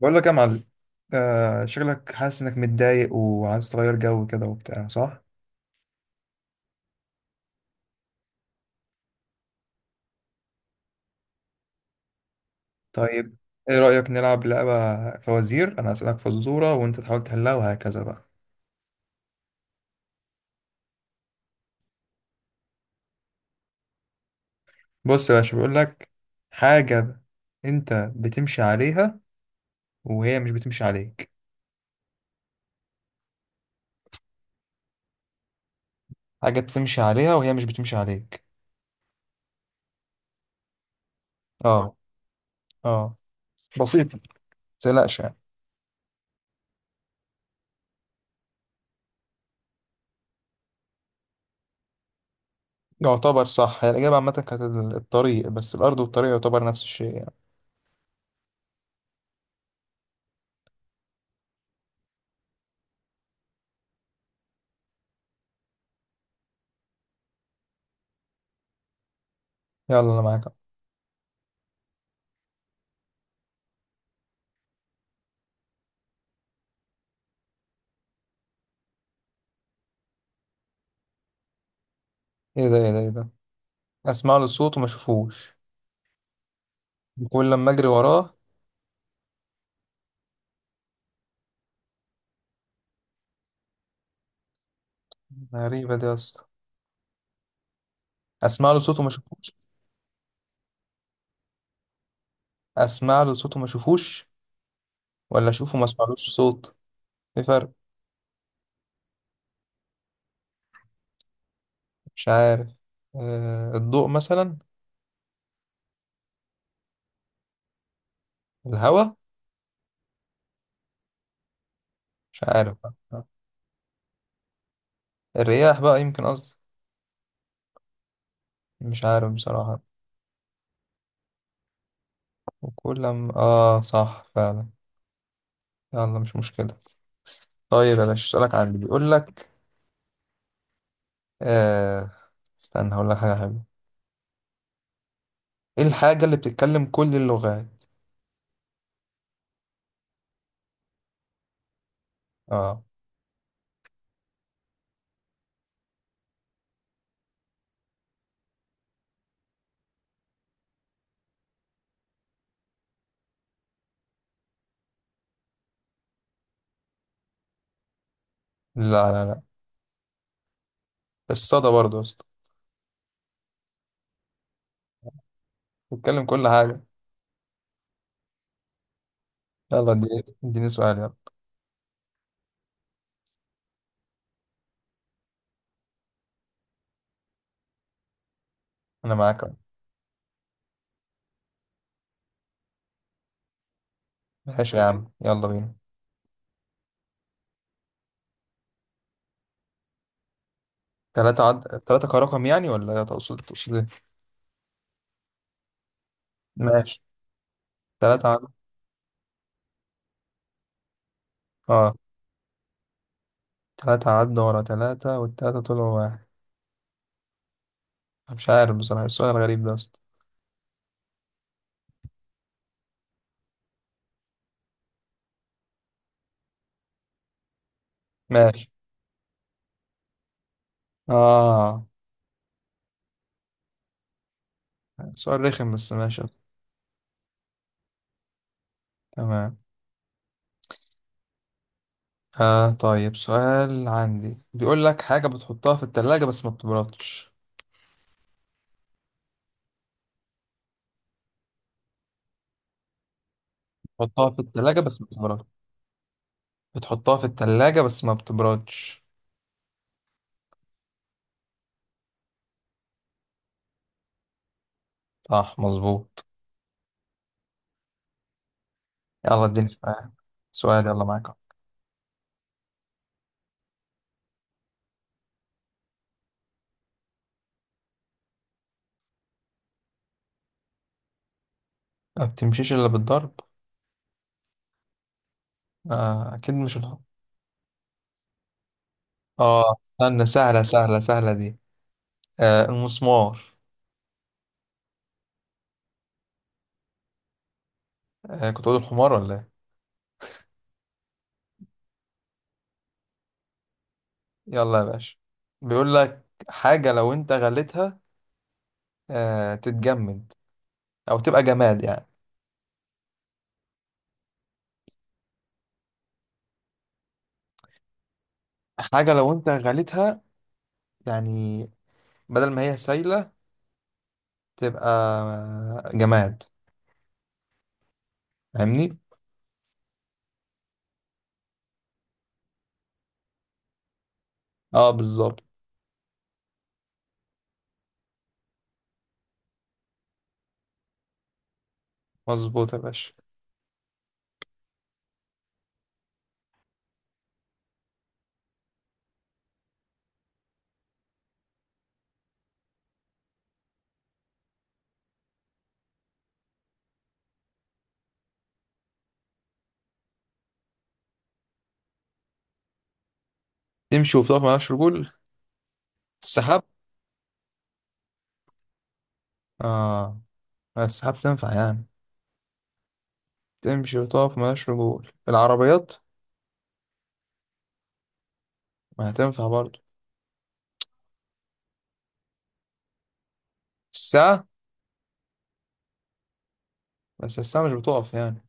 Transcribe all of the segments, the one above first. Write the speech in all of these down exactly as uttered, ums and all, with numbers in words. بقول لك يا معلم. آه شكلك حاسس انك متضايق وعايز تغير جو كده وبتاع، صح؟ طيب، ايه رأيك نلعب لعبة فوازير؟ انا اسألك فزورة وانت تحاول تحلها، وهكذا بقى. بص يا باشا، بقول لك حاجة. انت بتمشي عليها وهي مش بتمشي عليك. حاجة بتمشي عليها وهي مش بتمشي عليك. اه، اه، بسيطة، متقلقش يعني. يعتبر صح، هي الإجابة عامة كانت الطريق، بس الأرض والطريق يعتبر نفس الشيء يعني. يلا أنا معاك. ايه ده؟ ايه ده؟ ايه ده؟ اسمع له صوت وما اشوفوش، وكل لما اجري وراه. غريبه دي يا اسطى. اسمع له صوت وما اشوفوش. اسمع له صوت وما اشوفوش، ولا اشوفه ما اسمعلوش صوت؟ ايه فرق؟ مش عارف. آه الضوء مثلا. الهواء. مش عارف بقى. الرياح بقى، يمكن قصدي. مش عارف بصراحه. وكل لما اه، صح فعلا. يلا، مش مشكله. طيب يا باشا، اسالك عن اللي بيقول لك. آه استنى هقول لك حاجه حلوه. ايه الحاجه اللي بتتكلم كل اللغات؟ اه. لا، لا، لا، الصدى برضه. بتكلم كل حاجة. يلا اديني اديني سؤال. يلا أنا معاك أهو. ماشي يا عم، يلا بينا. تلاتة عد تلاتة كرقم يعني، ولا تقصد تقصد إيه؟ ماشي. تلاتة عد. أه تلاتة عد ورا تلاتة والتلاتة طلعوا واحد. أنا مش عارف بصراحة، السؤال الغريب ده أصلا. ماشي. أه، سؤال رخم بس ماشي. تمام. آه طيب، سؤال عندي بيقول لك، حاجة بتحطها في التلاجة بس ما بتبردش. بتحطها في التلاجة بس ما بتبردش. بتحطها في التلاجة بس ما بتبردش. صح، مظبوط. يلا اديني سؤال. سؤال، يلا معاك. ما بتمشيش الا بالضرب. آه، اكيد مش الحمار. اه، استنى، سهله سهله سهله دي. آه، المسمار. آه، كنت اقول الحمار ولا ايه. يلا يا باشا. بيقول لك حاجه لو انت غليتها، آه تتجمد او تبقى جماد يعني. حاجه لو انت غليتها، يعني بدل ما هي سايله تبقى آه، جماد. فاهمني؟ اه، بالظبط. مظبوط يا باشا. تمشي وبتقف ملهاش رجول. السحاب. اه، السحاب تنفع يعني. تمشي وتقف ملهاش رجول. العربيات. ما هتنفع برضه. الساعة. بس الساعة مش بتقف يعني.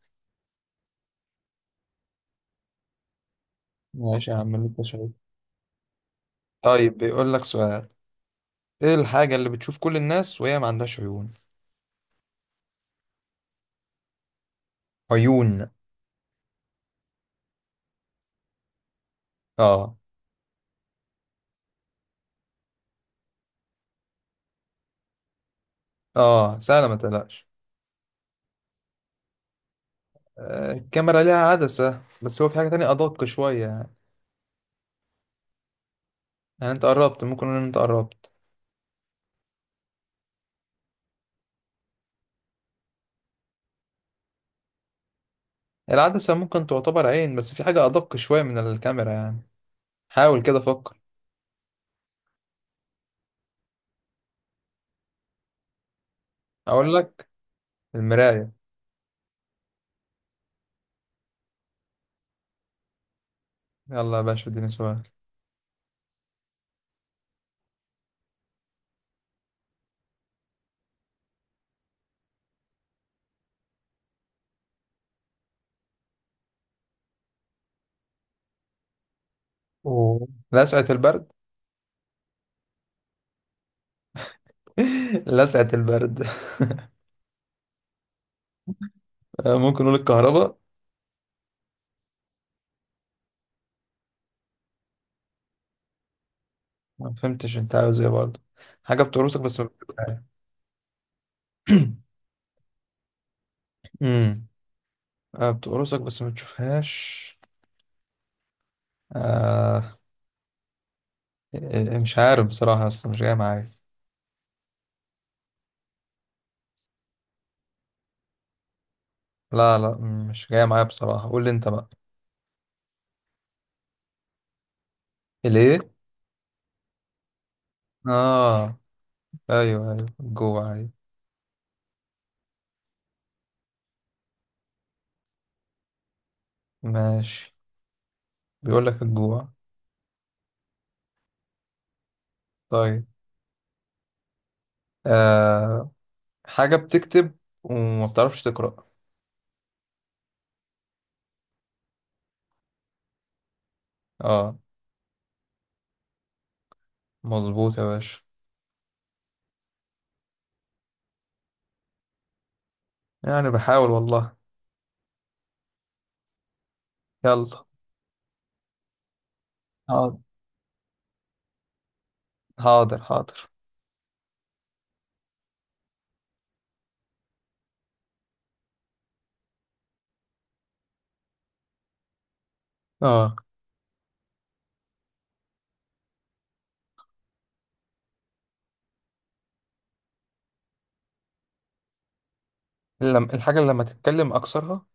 ماشي يا عم، اللي انت شايفه. طيب بيقول لك سؤال. ايه الحاجة اللي بتشوف كل الناس وهي ما عندهاش عيون؟ عيون. اه، اه، سهلة، ما تقلقش. آه، الكاميرا ليها عدسة، بس هو في حاجة تانية أدق شوية يعني. يعني انت قربت، ممكن نقول ان انت قربت. العدسة ممكن تعتبر عين، بس في حاجة أدق شوية من الكاميرا يعني. حاول كده فكر. أقول لك، المراية. يلا يا باشا اديني سؤال. أوه. لسعة البرد. لسعة البرد. ممكن نقول الكهرباء. ما فهمتش انت عاوز ايه برضه. حاجة بتقرصك بس ما بتشوفهاش. امم آه، بتقرصك بس ما بتشوفهاش. آه إيه- مش عارف بصراحة، اصلا مش جاية معايا. لا، لا، مش جاية معايا بصراحة، قول لي انت بقى. ليه؟ اه، ايوه، ايوه، الجوع، ايوه. ماشي، بيقول لك الجوع. طيب. آه حاجة بتكتب وما بتعرفش تقرأ. اه. مظبوط يا باشا. يعني بحاول والله. يلا. حاضر، حاضر، حاضر. اه، لما الحاجة اللي لما تتكلم أكثرها.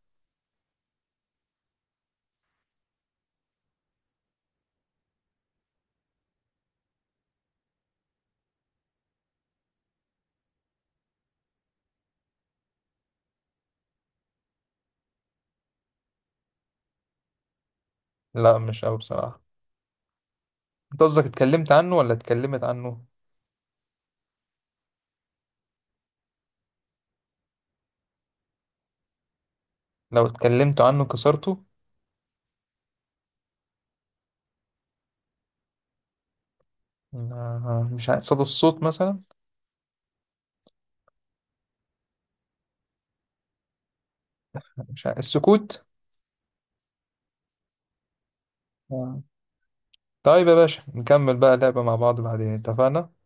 لا، مش أوي بصراحة. أنت قصدك اتكلمت عنه ولا اتكلمت عنه؟ لو اتكلمت عنه كسرته. آه، مش عارف، صدى الصوت مثلا. مش عارف، السكوت. آه. طيب يا باشا، نكمل بقى لعبة مع بعض بعدين، اتفقنا؟